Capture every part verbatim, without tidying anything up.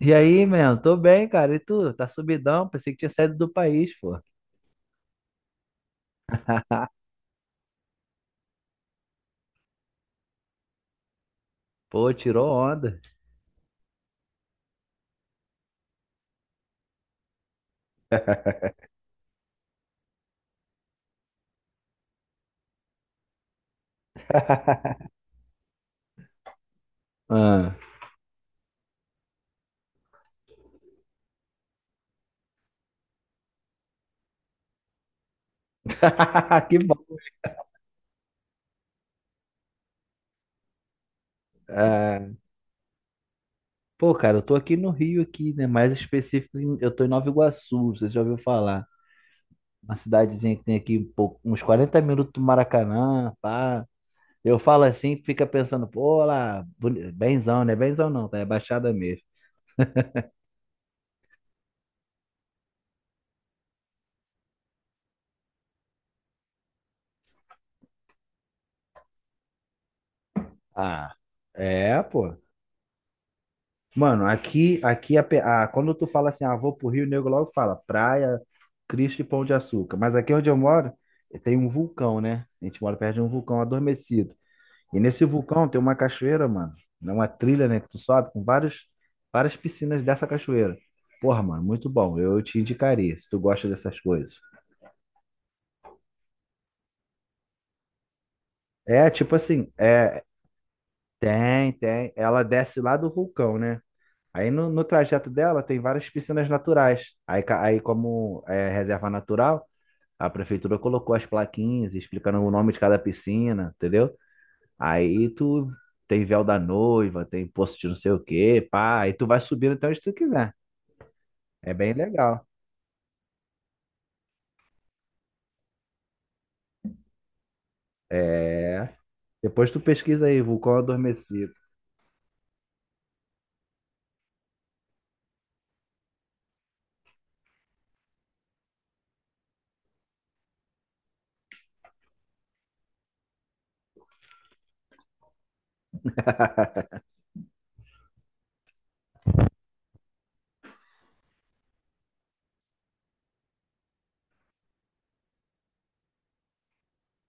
E aí, mano? Tô bem, cara. E tu? Tá subidão? Pensei que tinha saído do país, pô. Pô, tirou onda. Ah. Que bom. Ah. Pô, cara, eu tô aqui no Rio aqui, né? Mais específico, em- eu tô em Nova Iguaçu, você já ouviu falar? Uma cidadezinha que tem aqui um pouco- uns quarenta minutos do Maracanã, pá. Eu falo assim, fica pensando, pô, lá, boni- benzão, né? Benzão não, tá? É Baixada mesmo. Ah, é, pô. Mano, aqui, aqui a, pe- a- quando tu fala assim, ah, vou pro Rio, o nego logo fala praia, Cristo e Pão de Açúcar. Mas aqui onde eu moro, tem um vulcão, né? A gente mora perto de um vulcão adormecido. E nesse vulcão tem uma cachoeira, mano. É uma trilha, né? Que tu sobe com vários, várias piscinas dessa cachoeira. Porra, mano, muito bom. Eu te indicaria, se tu gosta dessas coisas. É, tipo assim, é, tem, tem. Ela desce lá do vulcão, né? Aí no, no trajeto dela tem várias piscinas naturais. Aí, ca- aí como é reserva natural, a prefeitura colocou as plaquinhas explicando o nome de cada piscina, entendeu? Aí tu tem véu da noiva, tem poço de não sei o quê, pá. Aí tu vai subindo até onde tu quiser. É bem legal. É. Depois tu pesquisa aí, vulcão adormecido.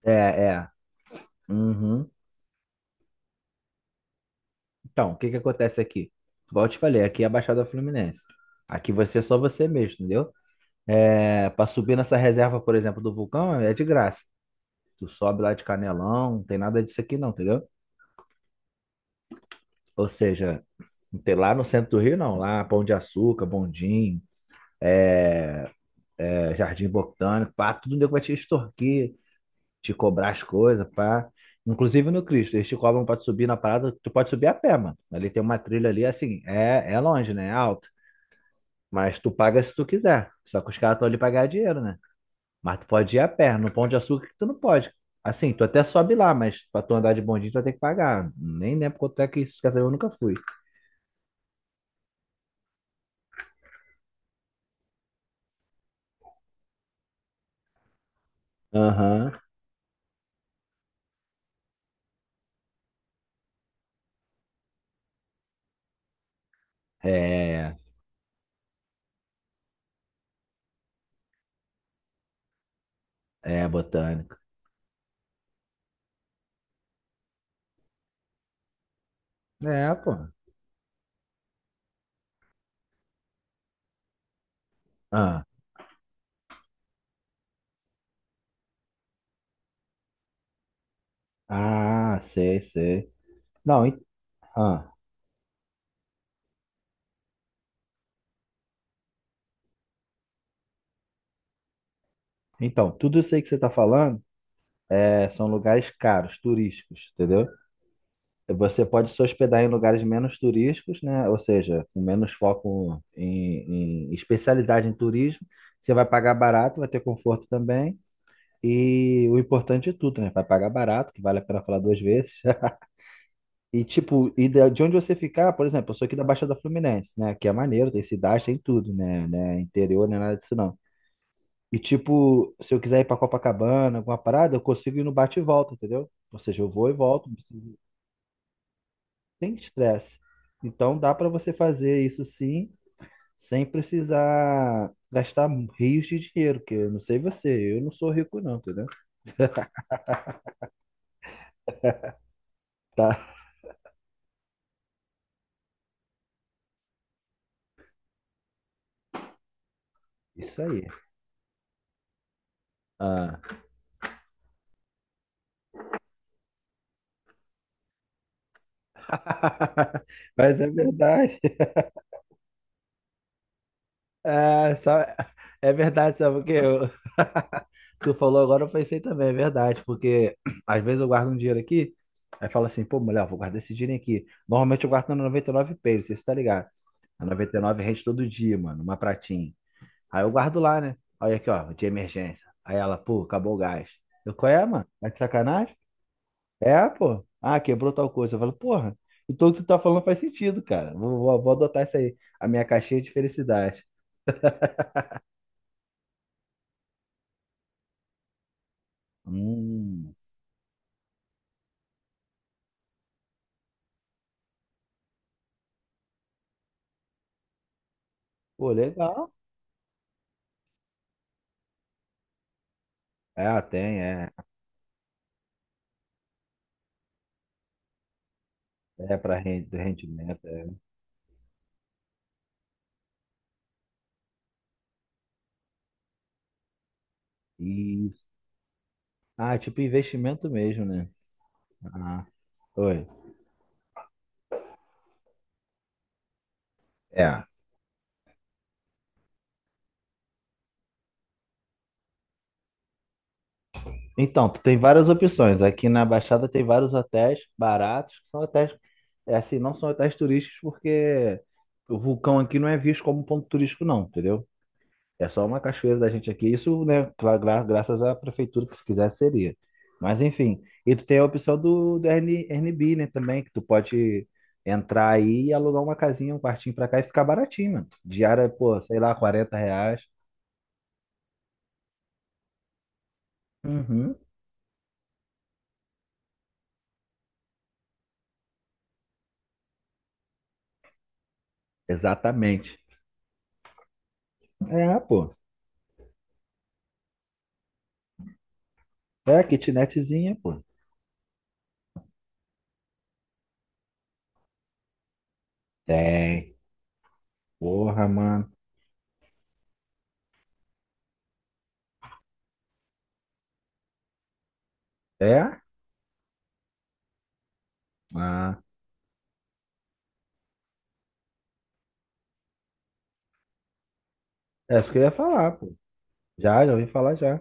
É, é. Uhum. Então, o que que acontece aqui? Igual eu te falei, aqui é a Baixada Fluminense. Aqui vai ser só você mesmo, entendeu? É, para subir nessa reserva, por exemplo, do vulcão, é de graça. Tu sobe lá de Canelão, não tem nada disso aqui não, entendeu? Ou seja, não tem lá no centro do Rio não, lá Pão de Açúcar, Bondim, é, é, Jardim Botânico, pá, tudo nego vai te extorquir, te cobrar as coisas, pá. Inclusive no Cristo, eles te cobram pra tu subir na parada, tu pode subir a pé, mano. Ali tem uma trilha ali, assim, é, é longe, né? É alto. Mas tu paga se tu quiser. Só que os caras estão ali pra ganhar dinheiro, né? Mas tu pode ir a pé. No Pão de Açúcar que tu não pode. Assim, tu até sobe lá, mas pra tu andar de bondinho tu vai ter que pagar. Nem lembro quanto é que isso. Quer saber, eu nunca fui. Aham. É, é botânico. É, pô. Ah, ah, sei, sei. Não, en- ah. Então, tudo isso aí que você tá falando é, são lugares caros, turísticos, entendeu? Você pode se hospedar em lugares menos turísticos, né? Ou seja, com menos foco em, em especialidade em turismo. Você vai pagar barato, vai ter conforto também. E o importante é tudo, né? Vai pagar barato, que vale a pena falar duas vezes. E tipo, e da- de onde você ficar, por exemplo, eu sou aqui da Baixada Fluminense, né? Que é maneiro, tem cidade, tem tudo, né? né? Interior, nem nada disso não. E tipo, se eu quiser ir pra Copacabana, alguma parada, eu consigo ir no bate e volta, entendeu? Ou seja, eu vou e volto, não preciso- sem estresse. Então dá pra você fazer isso sim, sem precisar gastar rios de dinheiro, que eu não sei você, eu não sou rico não, entendeu? Tá, isso aí. Ah. Mas é verdade. É, só- é verdade, sabe porque eu... tu falou agora, eu pensei também, é verdade, porque às vezes eu guardo um dinheiro aqui, aí fala assim, pô, mulher, eu vou guardar esse dinheiro aqui. Normalmente eu guardo na noventa e nove Pay, não sei se você tá ligado. A noventa e nove rende todo dia, mano, uma pratinha. Aí eu guardo lá, né? Olha aqui, ó, de emergência. Aí ela, pô, acabou o gás. Eu, qual é, mano? Tá de sacanagem? É, pô. Ah, quebrou tal coisa. Eu falo, porra, então o que tu tá falando faz sentido, cara. Vou, vou, vou adotar isso aí. A minha caixinha de felicidade. Hum, pô, legal. É, tem, é. É para rendimento. É. Isso. Ah, é tipo investimento mesmo, né? Ah, oi. É. Então, tu tem várias opções. Aqui na Baixada tem vários hotéis baratos, que são hotéis, é assim, não são hotéis turísticos, porque o vulcão aqui não é visto como ponto turístico, não, entendeu? É só uma cachoeira da gente aqui. Isso, né, gra- gra- graças à prefeitura que se quisesse seria. Mas enfim, e tu tem a opção do, do Airbnb, Airbnb, né, também, que tu pode entrar aí e alugar uma casinha, um quartinho pra cá e ficar baratinho, mano. Diária, pô, sei lá, quarenta reais. Uhum. Exatamente. É, pô. É, kitnetzinha, pô. Tem. Porra, mano. É? Ah, é isso que eu ia falar, pô. Já, já ouvi falar já.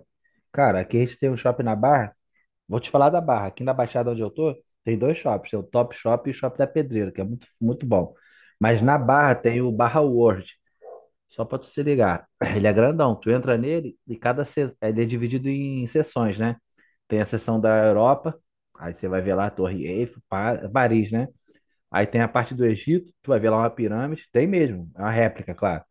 Cara, aqui a gente tem um shopping na Barra. Vou te falar da Barra. Aqui na Baixada onde eu tô, tem dois shops. Tem o Top Shop e o Shop da Pedreira, que é muito, muito bom. Mas na Barra tem o Barra World, só pra tu se ligar. Ele é grandão. Tu entra nele e cada se... ele é dividido em seções, né? Tem a seção da Europa, aí você vai ver lá a Torre Eiffel, Pa- Paris, né? Aí tem a parte do Egito, tu vai ver lá uma pirâmide. Tem mesmo, é uma réplica, claro.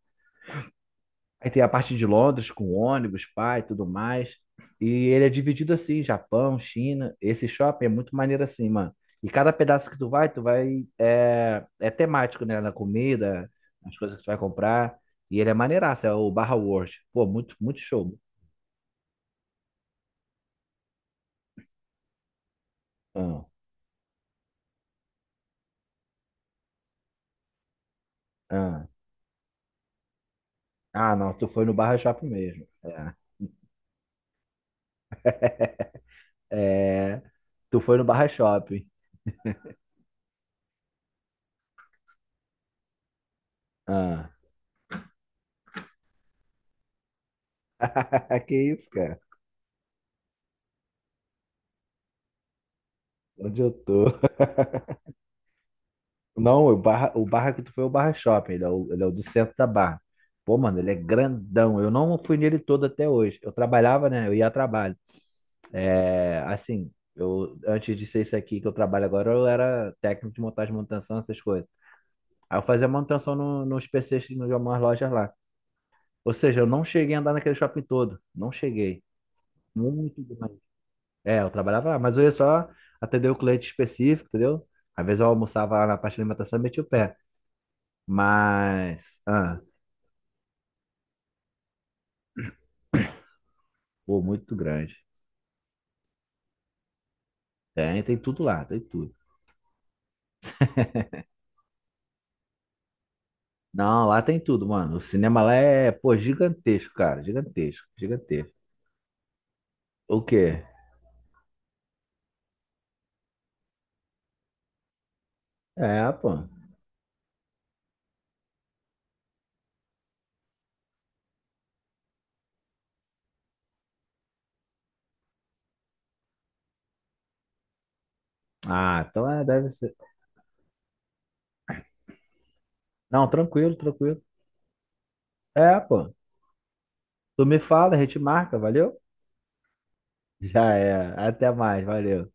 Aí tem a parte de Londres com ônibus, pai, tudo mais. E ele é dividido assim, Japão, China. Esse shopping é muito maneiro assim, mano. E cada pedaço que tu vai, tu vai é, é temático, né? Na comida, nas coisas que tu vai comprar. E ele é maneiraço, é o Barra World. Pô, muito, muito show. Ah, ah. Ah, não, tu foi no Barra Shopping mesmo. É, é, tu foi no Barra Shopping. Ah. Que isso, cara? Onde eu tô? Não, o Barra, o Barra que tu foi é o Barra Shopping, ele é o, ele é o do centro da Barra. Pô, mano, ele é grandão. Eu não fui nele todo até hoje. Eu trabalhava, né? Eu ia a trabalho. É, assim, eu antes de ser isso aqui que eu trabalho agora, eu era técnico de montagem, manutenção, essas coisas. Aí eu fazia manutenção no, nos P Cs de algumas lojas lá. Ou seja, eu não cheguei a andar naquele shopping todo. Não cheguei. Muito grande. É, eu trabalhava lá, mas eu ia só atender o cliente específico, entendeu? Às vezes eu almoçava lá na parte de alimentação e metia o pé. Mas. ah, Pô, muito grande. Tem, tem tudo lá, tem tudo. Não, lá tem tudo, mano. O cinema lá é, pô, gigantesco, cara. Gigantesco, gigantesco. O quê? É, pô. Ah, então é, deve ser. Não, tranquilo, tranquilo. É, pô. Tu me fala, a gente marca, valeu? Já é. Até mais, valeu.